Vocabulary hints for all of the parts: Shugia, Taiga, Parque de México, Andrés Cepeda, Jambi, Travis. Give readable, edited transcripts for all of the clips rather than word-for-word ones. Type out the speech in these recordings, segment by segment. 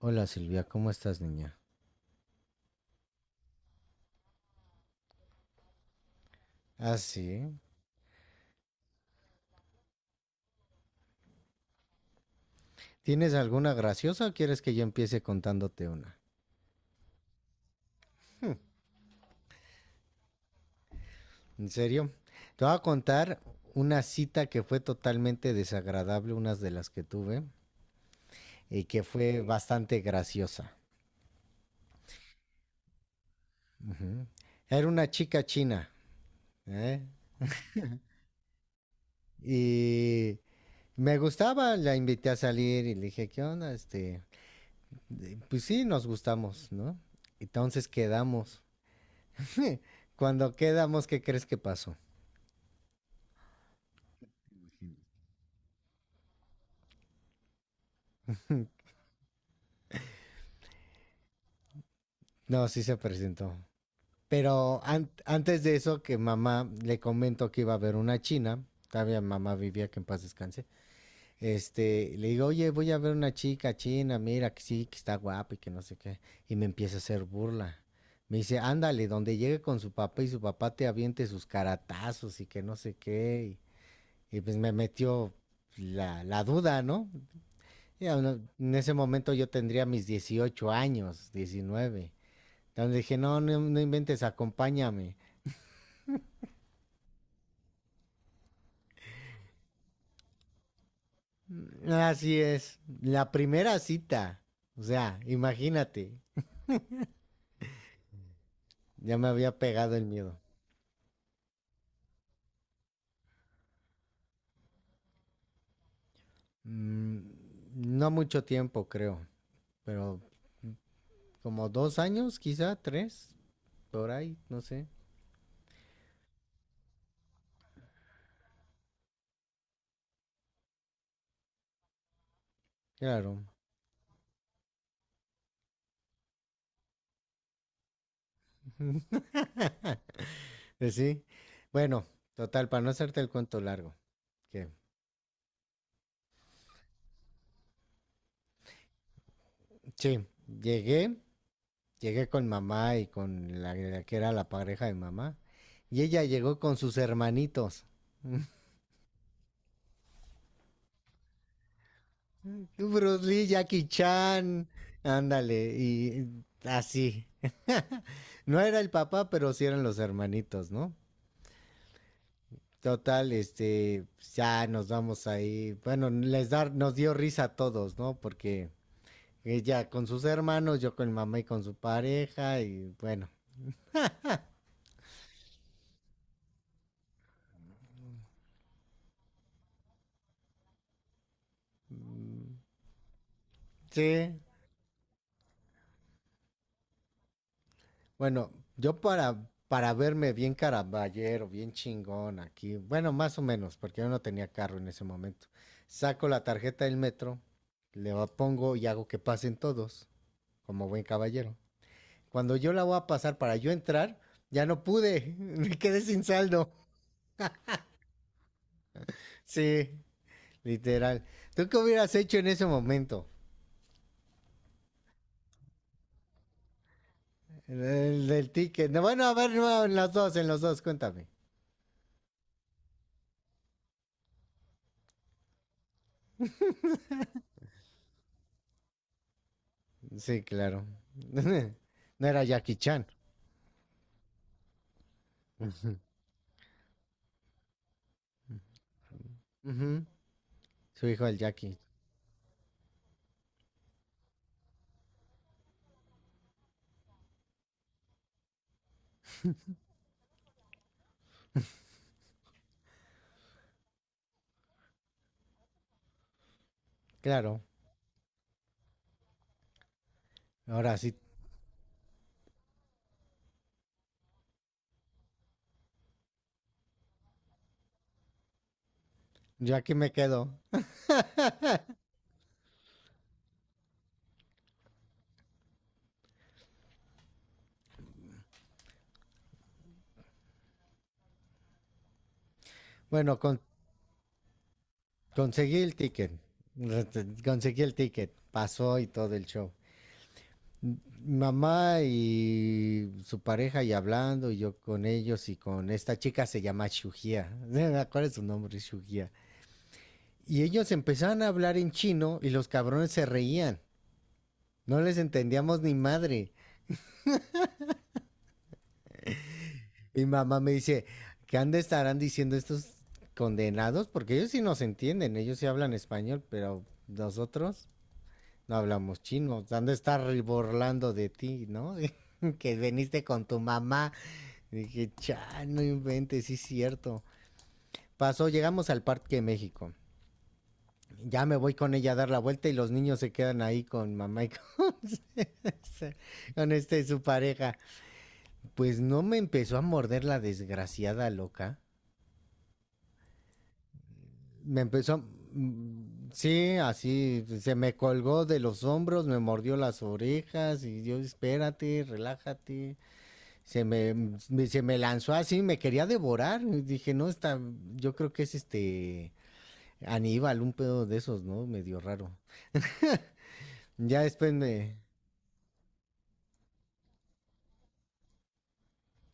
Hola Silvia, ¿cómo estás, niña? Ah, sí. ¿Tienes alguna graciosa o quieres que yo empiece contándote una? ¿En serio? Te voy a contar una cita que fue totalmente desagradable, unas de las que tuve, y que fue bastante graciosa. Ujú. Era una chica china, ¿eh? Y me gustaba, la invité a salir y le dije, ¿qué onda? Este, pues sí, nos gustamos, ¿no? Entonces quedamos. Cuando quedamos, ¿qué crees que pasó? No, sí se presentó. Pero antes de eso, que mamá le comentó que iba a ver una china, todavía mamá vivía, que en paz descanse. Este, le digo, oye, voy a ver una chica china, mira que sí, que está guapa y que no sé qué. Y me empieza a hacer burla. Me dice, ándale, donde llegue con su papá y su papá te aviente sus caratazos y que no sé qué. Y pues me metió la duda, ¿no? Ya, no, en ese momento yo tendría mis 18 años, 19. Entonces dije, no, no, no inventes, acompáñame. Así es, la primera cita. O sea, imagínate, ya me había pegado el miedo. Mm, no mucho tiempo, creo, pero como 2 años, quizá 3, por ahí, no sé. Claro. Sí. Bueno, total, para no hacerte el cuento largo. Que, sí, llegué, llegué con mamá y con la que era la pareja de mamá. Y ella llegó con sus hermanitos. Bruce Lee, Jackie Chan, ándale, y así. No era el papá, pero sí eran los hermanitos, ¿no? Total, este, ya nos vamos ahí. Bueno, nos dio risa a todos, ¿no? Porque ella con sus hermanos, yo con mi mamá y con su pareja, y bueno, sí. Bueno, yo para verme bien caraballero, bien chingón aquí, bueno, más o menos, porque yo no tenía carro en ese momento, saco la tarjeta del metro, pongo y hago que pasen todos, como buen caballero. Cuando yo la voy a pasar para yo entrar, ya no pude, me quedé sin saldo. Sí, literal. ¿Tú qué hubieras hecho en ese momento? El del ticket. No, bueno, a ver, no, en los dos, cuéntame. Sí, claro. No era Jackie Chan. Ujú. Su hijo el Jackie. Claro. Ahora sí, yo aquí me quedo. Bueno, conseguí el ticket. Conseguí el ticket. Pasó y todo el show. M- Mamá y su pareja y hablando, y yo con ellos y con esta chica se llama Shugia. ¿Cuál es su nombre? Shugia. Y ellos empezaron a hablar en chino y los cabrones se reían. No les entendíamos ni madre. Mi mamá me dice, ¿qué han de estarán diciendo estos condenados? Porque ellos sí nos entienden, ellos sí hablan español, pero nosotros no hablamos chino. Han de estar burlando de ti, ¿no? Que veniste con tu mamá. Y dije, cha, no inventes, sí es cierto. Pasó, llegamos al Parque de México. Ya me voy con ella a dar la vuelta y los niños se quedan ahí con mamá y con, con este su pareja. Pues no me empezó a morder la desgraciada loca. Me empezó, sí, así, se me colgó de los hombros, me mordió las orejas y yo, espérate, relájate. Se me, Se me lanzó así, me quería devorar. Y dije, no, está, yo creo que es este Aníbal, un pedo de esos, ¿no? Medio raro. Ya después me,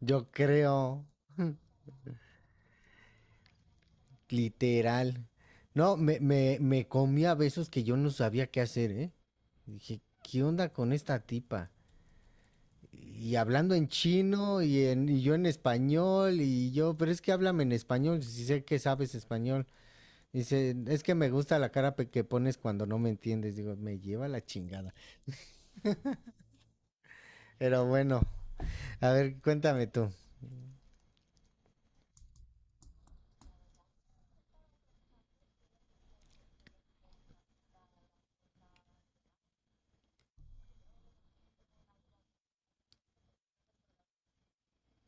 yo creo, literal. No, me comí a besos que yo no sabía qué hacer, ¿eh? Dije, ¿qué onda con esta tipa? Y hablando en chino y yo en español y yo, pero es que háblame en español, si sé que sabes español. Dice, es que me gusta la cara que pones cuando no me entiendes. Digo, me lleva la chingada. Pero bueno, a ver, cuéntame tú.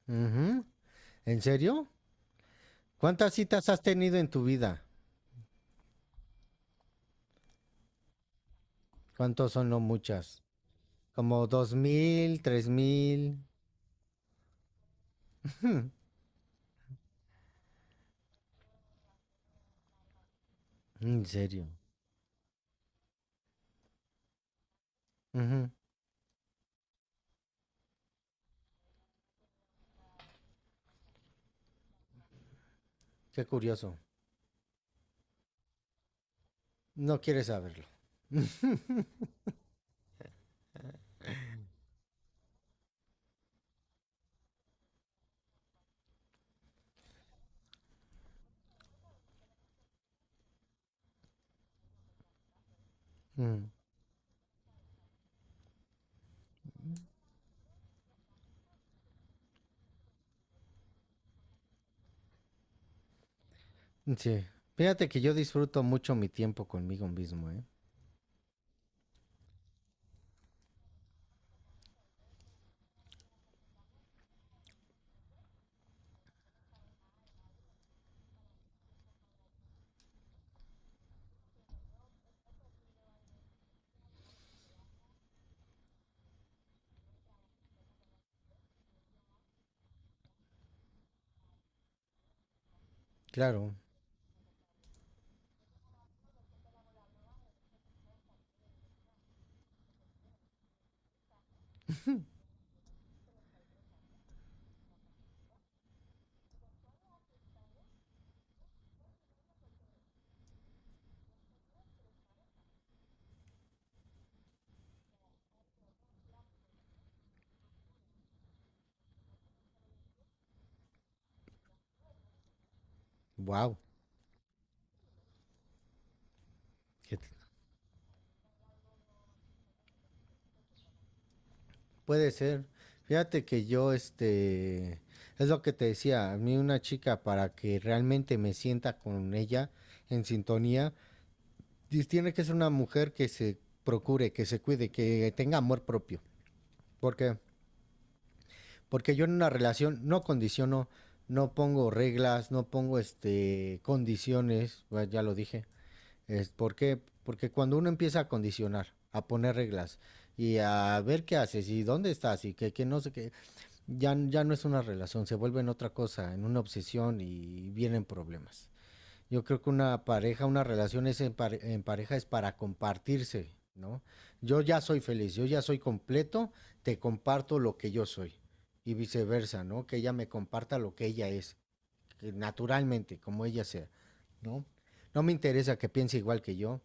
Ujú. ¿En serio? ¿Cuántas citas has tenido en tu vida? ¿Cuántos son no muchas? ¿Como 2000, 3000? ¿En serio? Ujú. Qué curioso. No quieres saberlo. Ujú. Sí. Fíjate que yo disfruto mucho mi tiempo conmigo mismo, ¿eh? Claro. Wow. que t- Puede ser. Fíjate que yo, este, es lo que te decía, a mí una chica para que realmente me sienta con ella en sintonía, tiene que ser una mujer que se procure, que se cuide, que tenga amor propio. Porque, porque yo en una relación no condiciono, no pongo reglas, no pongo, este, condiciones, bueno, ya lo dije. Es porque cuando uno empieza a condicionar, a poner reglas y a ver qué haces y dónde estás y que no sé qué, ya no es una relación, se vuelve en otra cosa, en una obsesión y vienen problemas. Yo creo que una pareja, una relación es en pareja es para compartirse, ¿no? Yo ya soy feliz, yo ya soy completo, te comparto lo que yo soy y viceversa, ¿no? Que ella me comparta lo que ella es, que naturalmente, como ella sea, ¿no? No me interesa que piense igual que yo,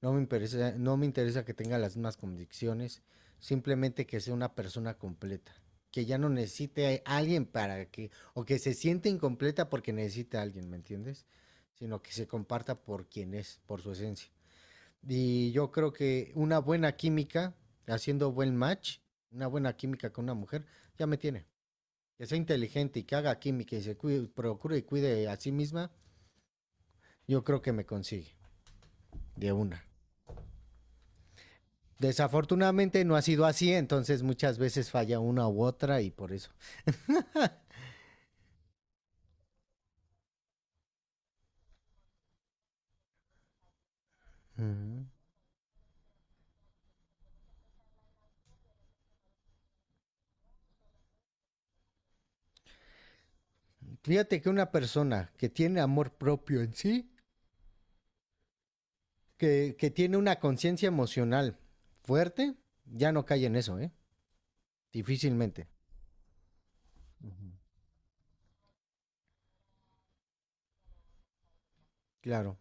no me interesa, no me interesa que tenga las mismas convicciones, simplemente que sea una persona completa, que ya no necesite a alguien para que, o que se siente incompleta porque necesita a alguien, ¿me entiendes? Sino que se comparta por quien es, por su esencia. Y yo creo que una buena química, haciendo buen match, una buena química con una mujer, ya me tiene. Que sea inteligente y que haga química y se cuide, procure y cuide a sí misma, yo creo que me consigue de una. Desafortunadamente no ha sido así, entonces muchas veces falla una u otra y por eso. Ujú. Fíjate que una persona que tiene amor propio en sí, que tiene una conciencia emocional fuerte, ya no cae en eso, ¿eh? Difícilmente, claro.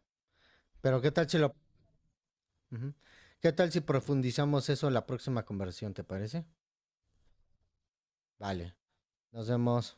Pero ¿qué tal si lo... Ujú. ¿Qué tal si profundizamos eso en la próxima conversación, te parece? Vale, nos vemos.